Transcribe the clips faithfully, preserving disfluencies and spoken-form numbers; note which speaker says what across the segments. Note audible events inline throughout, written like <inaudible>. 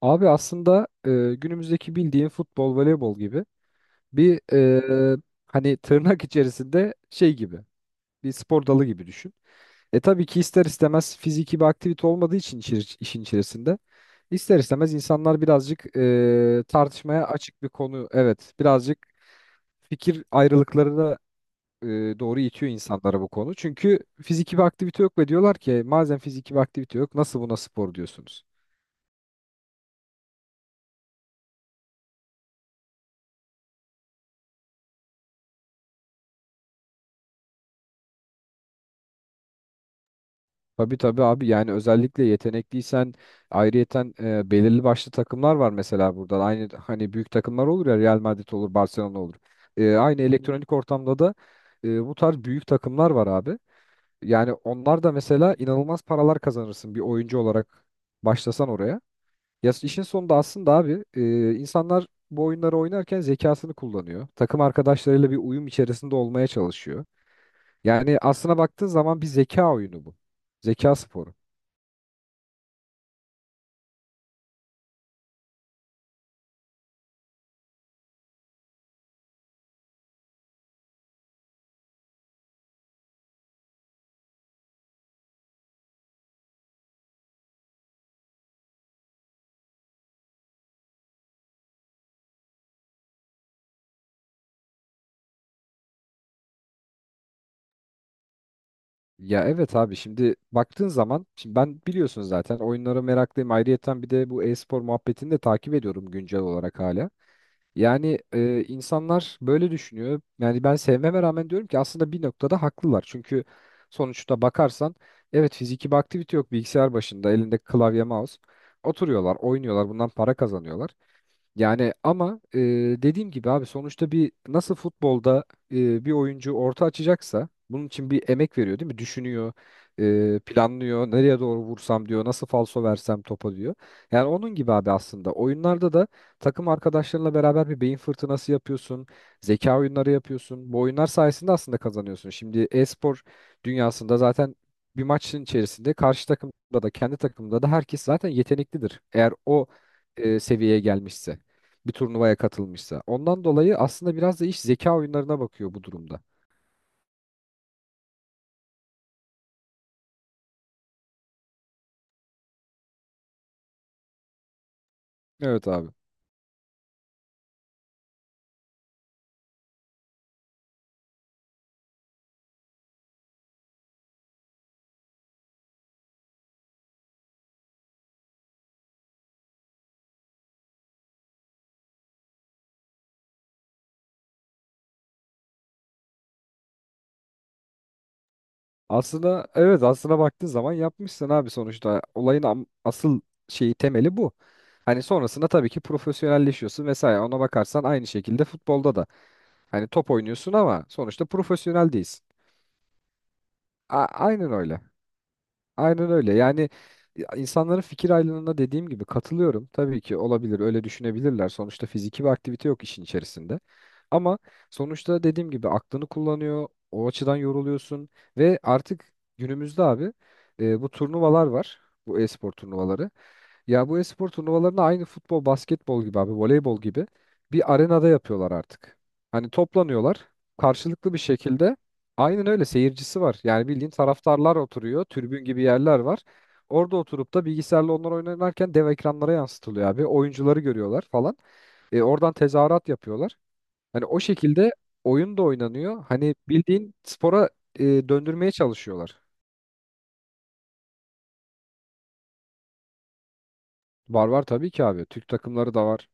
Speaker 1: Abi aslında e, günümüzdeki bildiğin futbol, voleybol gibi bir e, hani tırnak <laughs> içerisinde şey gibi bir spor dalı gibi düşün. E tabii ki ister istemez fiziki bir aktivite olmadığı için içi- işin içerisinde ister istemez insanlar birazcık e, tartışmaya açık bir konu. Evet birazcık fikir ayrılıklarına e, doğru itiyor insanlara bu konu. Çünkü fiziki bir aktivite yok ve diyorlar ki "E, madem fiziki bir aktivite yok nasıl buna spor diyorsunuz?" Tabii tabii abi, yani özellikle yetenekliysen ayrıyeten e, belirli başlı takımlar var mesela burada. Aynı hani büyük takımlar olur ya, Real Madrid olur, Barcelona olur. E, aynı, hı hı, elektronik ortamda da e, bu tarz büyük takımlar var abi. Yani onlar da mesela inanılmaz paralar kazanırsın bir oyuncu olarak başlasan oraya. Ya işin sonunda aslında abi, e, insanlar bu oyunları oynarken zekasını kullanıyor. Takım arkadaşlarıyla bir uyum içerisinde olmaya çalışıyor. Yani aslına baktığın zaman bir zeka oyunu bu. Zeka sporu. Ya evet abi, şimdi baktığın zaman şimdi ben biliyorsun zaten oyunlara meraklıyım. Ayrıyeten bir de bu e-spor muhabbetini de takip ediyorum güncel olarak hala. Yani e, insanlar böyle düşünüyor. Yani ben sevmeme rağmen diyorum ki aslında bir noktada haklılar. Çünkü sonuçta bakarsan evet, fiziki bir aktivite yok, bilgisayar başında elinde klavye mouse. Oturuyorlar, oynuyorlar, bundan para kazanıyorlar. Yani ama e, dediğim gibi abi sonuçta bir, nasıl futbolda e, bir oyuncu orta açacaksa bunun için bir emek veriyor, değil mi? Düşünüyor, e, planlıyor, nereye doğru vursam diyor, nasıl falso versem topa diyor. Yani onun gibi abi aslında oyunlarda da takım arkadaşlarınla beraber bir beyin fırtınası yapıyorsun, zeka oyunları yapıyorsun. Bu oyunlar sayesinde aslında kazanıyorsun. Şimdi e-spor dünyasında zaten bir maçın içerisinde karşı takımda da kendi takımda da herkes zaten yeteneklidir. Eğer o e, seviyeye gelmişse, bir turnuvaya katılmışsa. Ondan dolayı aslında biraz da iş zeka oyunlarına bakıyor bu durumda. Evet abi. Aslında evet, aslına baktığın zaman yapmışsın abi sonuçta. Olayın am- asıl şeyi, temeli bu. Hani sonrasında tabii ki profesyonelleşiyorsun vesaire. Ona bakarsan aynı şekilde futbolda da. Hani top oynuyorsun ama sonuçta profesyonel değilsin. A- aynen öyle. Aynen öyle. Yani insanların fikir ayrılığına dediğim gibi katılıyorum. Tabii ki olabilir, öyle düşünebilirler. Sonuçta fiziki bir aktivite yok işin içerisinde. Ama sonuçta dediğim gibi aklını kullanıyor, o açıdan yoruluyorsun ve artık günümüzde abi, e, bu turnuvalar var. Bu e-spor turnuvaları. Ya, bu espor turnuvalarını aynı futbol, basketbol gibi abi, voleybol gibi bir arenada yapıyorlar artık. Hani toplanıyorlar karşılıklı bir şekilde. Aynen öyle, seyircisi var. Yani bildiğin taraftarlar oturuyor, tribün gibi yerler var. Orada oturup da bilgisayarla onlar oynarken dev ekranlara yansıtılıyor abi. Oyuncuları görüyorlar falan. E, oradan tezahürat yapıyorlar. Hani o şekilde oyun da oynanıyor. Hani bildiğin spora e, döndürmeye çalışıyorlar. Var var tabii ki abi. Türk takımları da var.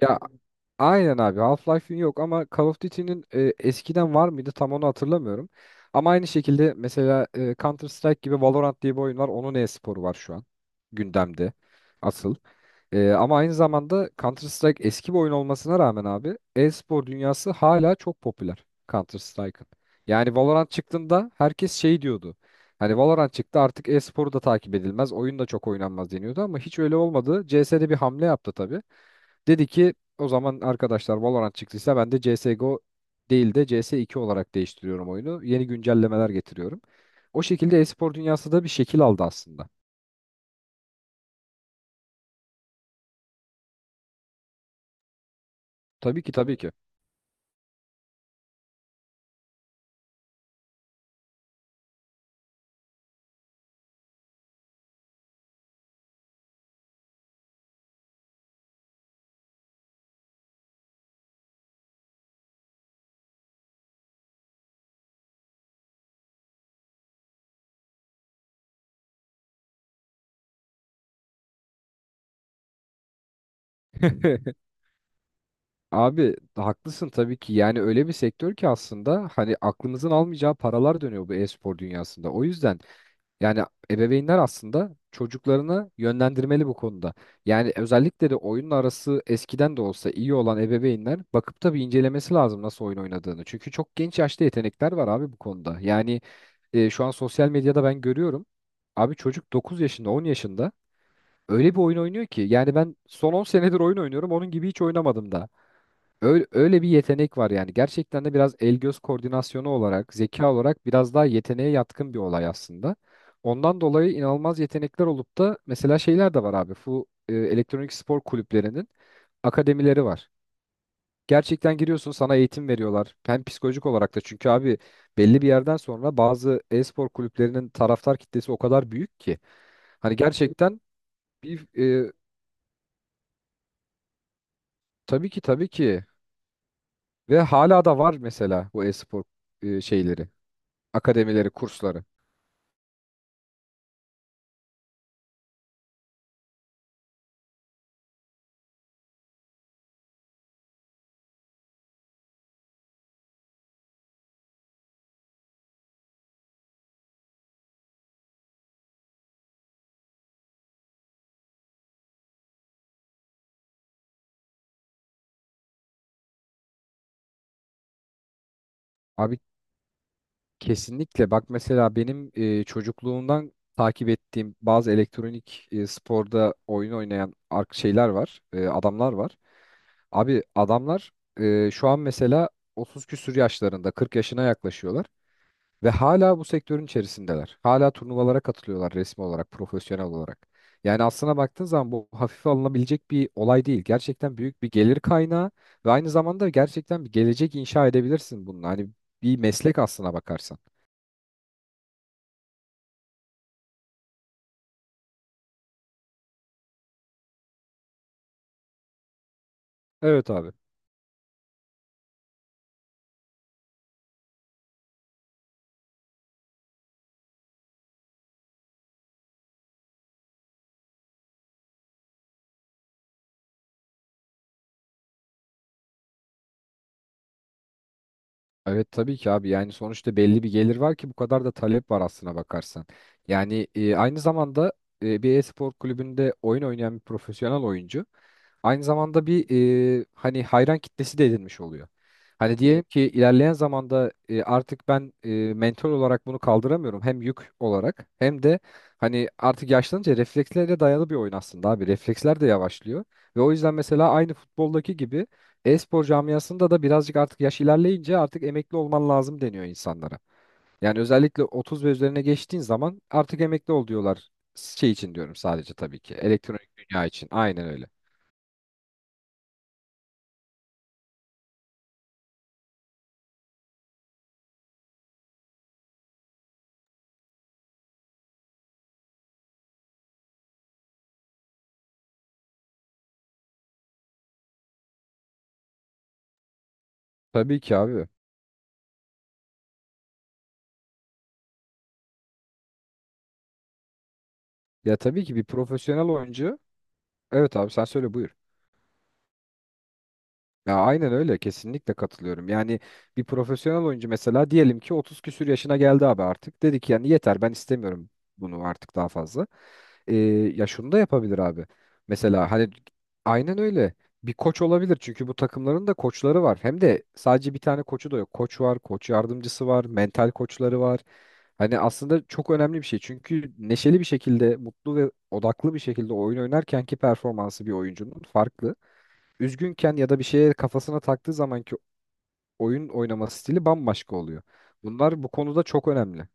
Speaker 1: Ya, aynen abi, Half-Life'in yok ama Call of Duty'nin e, eskiden var mıydı tam onu hatırlamıyorum. Ama aynı şekilde mesela e, Counter Strike gibi Valorant diye bir oyun var. Onun e-sporu var şu an gündemde asıl. E, ama aynı zamanda Counter Strike eski bir oyun olmasına rağmen abi e-spor dünyası hala çok popüler Counter Strike'ın. Yani Valorant çıktığında herkes şey diyordu. Hani Valorant çıktı artık e-sporu da takip edilmez, oyun da çok oynanmaz deniyordu ama hiç öyle olmadı. C S'de bir hamle yaptı tabii. Dedi ki o zaman arkadaşlar Valorant çıktıysa ben de C S G O değil de C S iki olarak değiştiriyorum oyunu. Yeni güncellemeler getiriyorum. O şekilde e-spor dünyası da bir şekil aldı aslında. Tabii ki tabii ki. <laughs> Abi haklısın tabii ki. Yani öyle bir sektör ki aslında hani aklınızın almayacağı paralar dönüyor bu e-spor dünyasında. O yüzden. Yani ebeveynler aslında çocuklarını yönlendirmeli bu konuda. Yani özellikle de oyunla arası eskiden de olsa iyi olan ebeveynler bakıp tabii incelemesi lazım nasıl oyun oynadığını. Çünkü çok genç yaşta yetenekler var abi bu konuda. Yani e, şu an sosyal medyada ben görüyorum. Abi çocuk dokuz yaşında, on yaşında öyle bir oyun oynuyor ki. Yani ben son on senedir oyun oynuyorum onun gibi hiç oynamadım da. Öyle, öyle bir yetenek var yani. Gerçekten de biraz el göz koordinasyonu olarak, zeka olarak biraz daha yeteneğe yatkın bir olay aslında. Ondan dolayı inanılmaz yetenekler olup da mesela şeyler de var abi. Bu e, elektronik spor kulüplerinin akademileri var. Gerçekten giriyorsun, sana eğitim veriyorlar. Hem psikolojik olarak da çünkü abi belli bir yerden sonra bazı e-spor kulüplerinin taraftar kitlesi o kadar büyük ki. Hani gerçekten bir e, tabii ki tabii ki ve hala da var mesela bu e-spor e, şeyleri, akademileri, kursları. Abi kesinlikle bak, mesela benim e, çocukluğumdan takip ettiğim bazı elektronik, e, sporda oyun oynayan ark şeyler var, e, adamlar var. Abi adamlar e, şu an mesela otuz küsür yaşlarında, kırk yaşına yaklaşıyorlar. Ve hala bu sektörün içerisindeler. Hala turnuvalara katılıyorlar resmi olarak, profesyonel olarak. Yani aslına baktığın zaman bu hafife alınabilecek bir olay değil. Gerçekten büyük bir gelir kaynağı ve aynı zamanda gerçekten bir gelecek inşa edebilirsin bununla. Hani bir meslek aslına bakarsan. Evet abi. Evet tabii ki abi, yani sonuçta belli bir gelir var ki bu kadar da talep var aslına bakarsan. Yani e, aynı zamanda e, bir e-spor kulübünde oyun oynayan bir profesyonel oyuncu aynı zamanda bir, e, hani hayran kitlesi de edinmiş oluyor. Hani diyelim ki ilerleyen zamanda e, artık ben e, mental olarak bunu kaldıramıyorum hem yük olarak hem de hani artık yaşlanınca reflekslere dayalı bir oyun aslında abi, refleksler de yavaşlıyor ve o yüzden mesela aynı futboldaki gibi e-spor camiasında da birazcık artık yaş ilerleyince artık emekli olman lazım deniyor insanlara. Yani özellikle otuz ve üzerine geçtiğin zaman artık emekli ol diyorlar. Şey için diyorum sadece tabii ki. Elektronik dünya için. Aynen öyle. Tabii ki abi. Ya tabii ki bir profesyonel oyuncu. Evet abi sen söyle, buyur. Ya aynen öyle, kesinlikle katılıyorum. Yani bir profesyonel oyuncu mesela diyelim ki otuz küsür yaşına geldi abi artık. Dedi ki yani yeter, ben istemiyorum bunu artık daha fazla. Ee, Ya şunu da yapabilir abi. Mesela hani aynen öyle, bir koç olabilir çünkü bu takımların da koçları var. Hem de sadece bir tane koçu da yok. Koç var, koç yardımcısı var, mental koçları var. Hani aslında çok önemli bir şey. Çünkü neşeli bir şekilde, mutlu ve odaklı bir şekilde oyun oynarkenki performansı bir oyuncunun farklı, üzgünken ya da bir şeye kafasına taktığı zamanki oyun oynama stili bambaşka oluyor. Bunlar bu konuda çok önemli.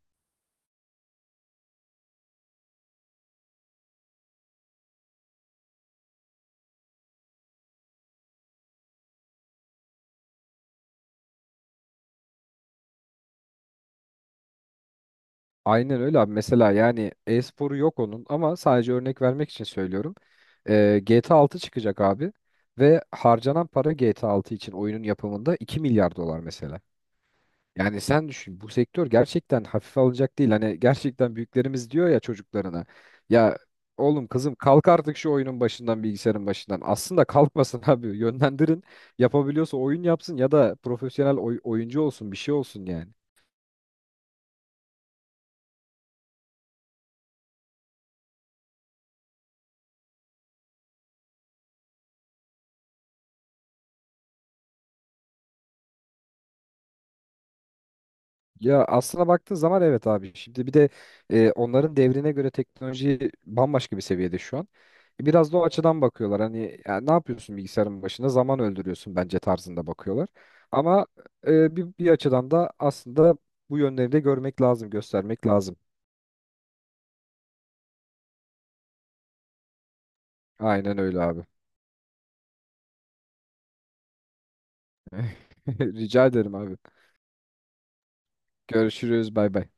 Speaker 1: Aynen öyle abi. Mesela yani e-sporu yok onun ama sadece örnek vermek için söylüyorum. Ee, G T A altı çıkacak abi ve harcanan para G T A altı için oyunun yapımında iki milyar dolar mesela. Yani sen düşün, bu sektör gerçekten hafife alınacak değil. Hani gerçekten büyüklerimiz diyor ya çocuklarına. Ya oğlum kızım kalk artık şu oyunun başından, bilgisayarın başından. Aslında kalkmasın <laughs> abi, yönlendirin. Yapabiliyorsa oyun yapsın ya da profesyonel oy- oyuncu olsun, bir şey olsun yani. Ya aslına baktığın zaman evet abi. Şimdi bir de e, onların devrine göre teknoloji bambaşka bir seviyede şu an. Biraz da o açıdan bakıyorlar. Hani ya ne yapıyorsun bilgisayarın başında? Zaman öldürüyorsun bence tarzında bakıyorlar. Ama e, bir, bir açıdan da aslında bu yönleri de görmek lazım, göstermek lazım. Aynen öyle abi. <laughs> Rica ederim abi. Görüşürüz. Bay bay.